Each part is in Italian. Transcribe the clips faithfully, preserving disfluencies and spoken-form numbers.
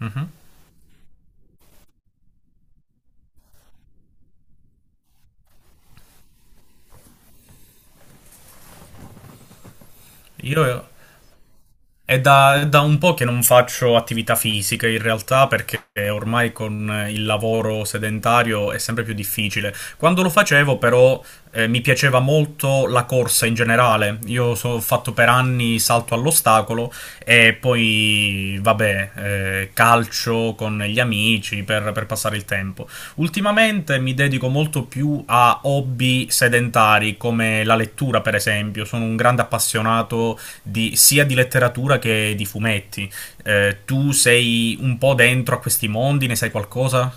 Mhm. Io è da, è da un po' che non faccio attività fisica in realtà perché ormai con il lavoro sedentario è sempre più difficile. Quando lo facevo però eh, mi piaceva molto la corsa in generale. Io so- ho fatto per anni salto all'ostacolo e poi vabbè, eh, calcio con gli amici per, per passare il tempo. Ultimamente mi dedico molto più a hobby sedentari come la lettura, per esempio. Sono un grande appassionato di- sia di letteratura che di fumetti. Eh, tu sei un po' dentro a questi mondi, ne sai qualcosa?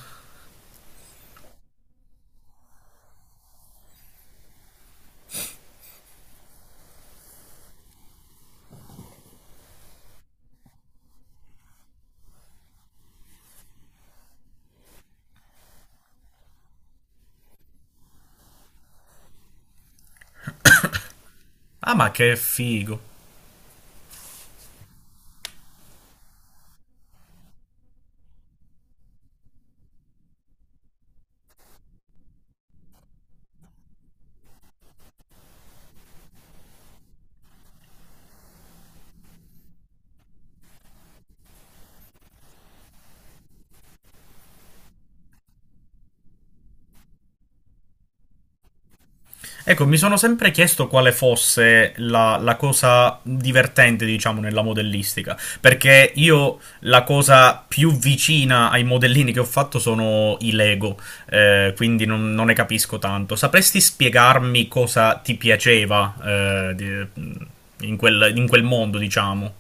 Ah, ma che figo! Ecco, mi sono sempre chiesto quale fosse la, la cosa divertente, diciamo, nella modellistica, perché io la cosa più vicina ai modellini che ho fatto sono i Lego, eh, quindi non, non ne capisco tanto. Sapresti spiegarmi cosa ti piaceva, eh, di- in quel, in quel mondo, diciamo?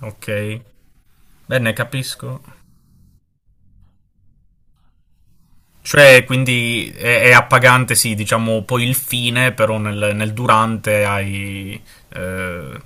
Ok, bene, capisco. Cioè, quindi è, è appagante, sì, diciamo poi il fine, però nel, nel durante hai, eh,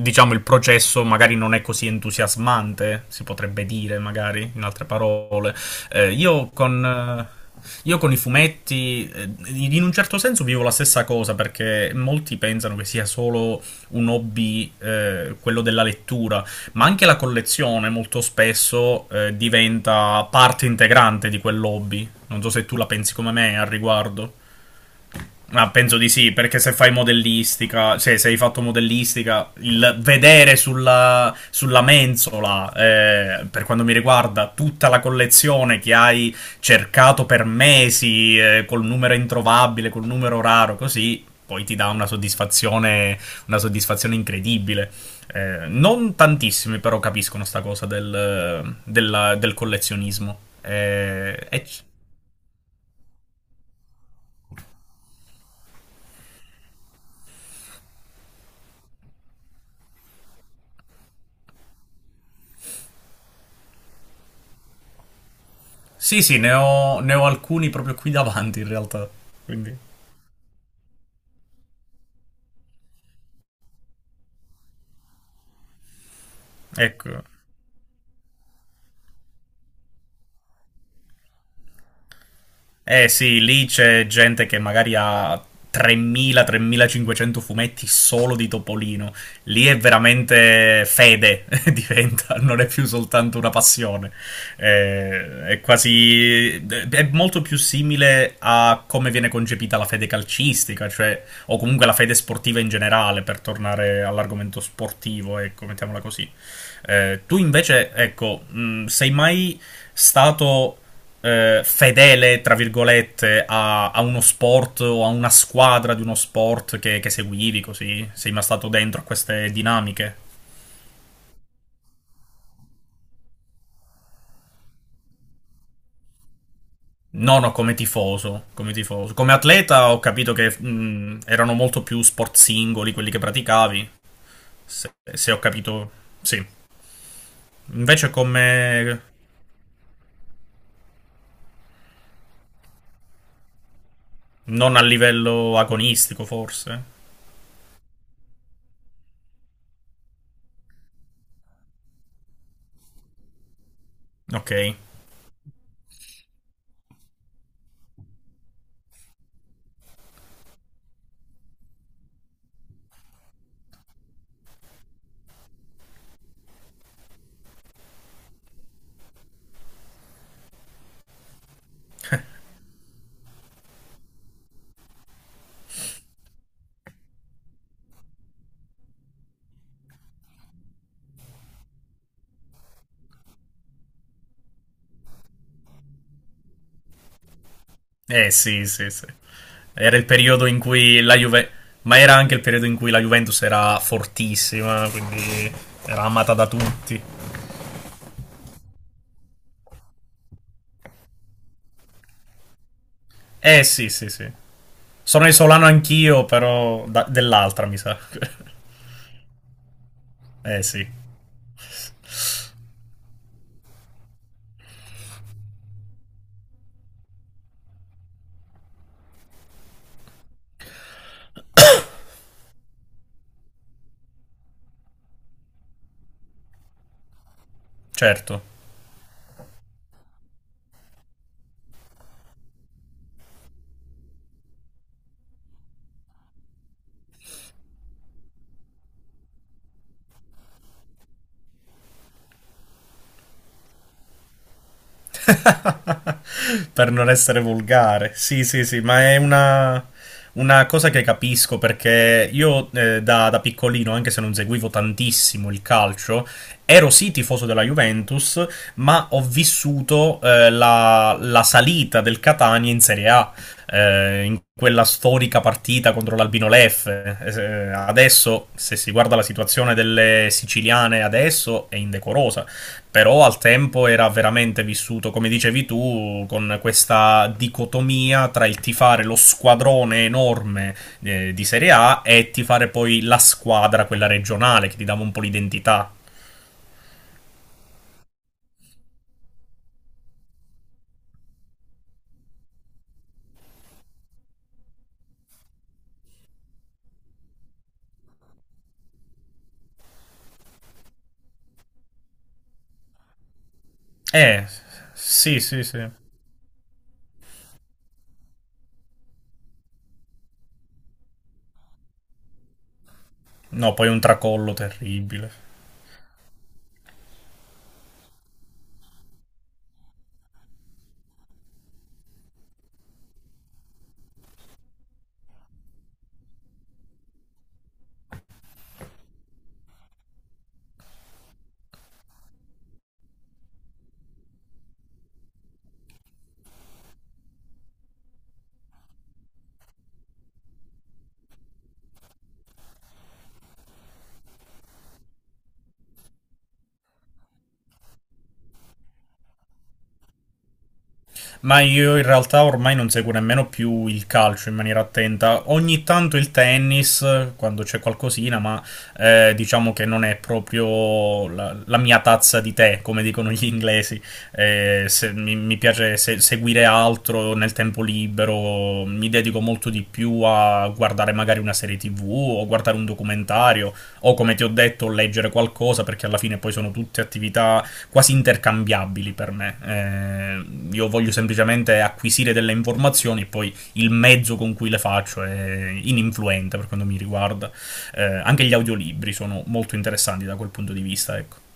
diciamo, il processo magari non è così entusiasmante, si potrebbe dire, magari, in altre parole. Eh, io con... eh, Io con i fumetti, eh, in un certo senso vivo la stessa cosa perché molti pensano che sia solo un hobby, eh, quello della lettura, ma anche la collezione molto spesso eh, diventa parte integrante di quel hobby. Non so se tu la pensi come me al riguardo. Ma ah, penso di sì, perché se fai modellistica, cioè se hai fatto modellistica, il vedere sulla, sulla mensola, eh, per quanto mi riguarda, tutta la collezione che hai cercato per mesi, eh, col numero introvabile, col numero raro, così, poi ti dà una soddisfazione, una soddisfazione incredibile. Eh, non tantissimi però capiscono sta cosa del, della- del collezionismo. Eh, e c- Sì, sì, ne ho, ne ho alcuni proprio qui davanti in realtà. Quindi, ecco. Eh sì, lì c'è gente che magari ha tremila-tremilacinquecento fumetti solo di Topolino. Lì è veramente fede, diventa, non è più soltanto una passione. Eh, È quasi... è molto più simile a come viene concepita la fede calcistica, cioè, o comunque la fede sportiva in generale, per tornare all'argomento sportivo, ecco, mettiamola così. Eh, tu invece, ecco, mh, sei mai stato eh, fedele, tra virgolette, a, a uno sport o a una squadra di uno sport che, che seguivi così? Sei mai stato dentro a queste dinamiche? No, no, come tifoso, come tifoso. Come atleta ho capito che mh, erano molto più sport singoli quelli che praticavi, se, se ho capito, sì. Invece come non a livello agonistico, forse. Ok. Eh sì, sì, sì. Era il periodo in cui la Juve... Ma era anche il periodo in cui la Juventus era fortissima, quindi era amata da tutti. Eh sì, sì, sì. Sono isolano anch'io, però da- dell'altra, mi sa. Eh sì, certo. Per non essere volgare. Sì, sì, sì, ma è una, una cosa che capisco perché io eh, da, da piccolino, anche se non seguivo tantissimo il calcio, ero sì tifoso della Juventus, ma ho vissuto eh, la, la salita del Catania in Serie A eh, in quella storica partita contro l'Albino Leffe. Eh, eh, adesso, se si guarda la situazione delle siciliane adesso, è indecorosa. Però al tempo era veramente vissuto, come dicevi tu, con questa dicotomia tra il tifare lo squadrone enorme eh, di Serie A e tifare poi la squadra, quella regionale, che ti dava un po' l'identità. Eh, sì, sì, sì. No, poi un tracollo terribile. Ma io in realtà ormai non seguo nemmeno più il calcio in maniera attenta. Ogni tanto il tennis, quando c'è qualcosina, ma eh, diciamo che non è proprio la, la mia tazza di tè, come dicono gli inglesi, eh, se- mi, mi piace se- seguire altro nel tempo libero, mi dedico molto di più a guardare magari una serie T V o guardare un documentario o come ti ho detto leggere qualcosa perché alla fine poi sono tutte attività quasi intercambiabili per me. Eh, io voglio semplicemente acquisire delle informazioni e poi il mezzo con cui le faccio è ininfluente per quanto mi riguarda. Eh, anche gli audiolibri sono molto interessanti da quel punto di vista, ecco.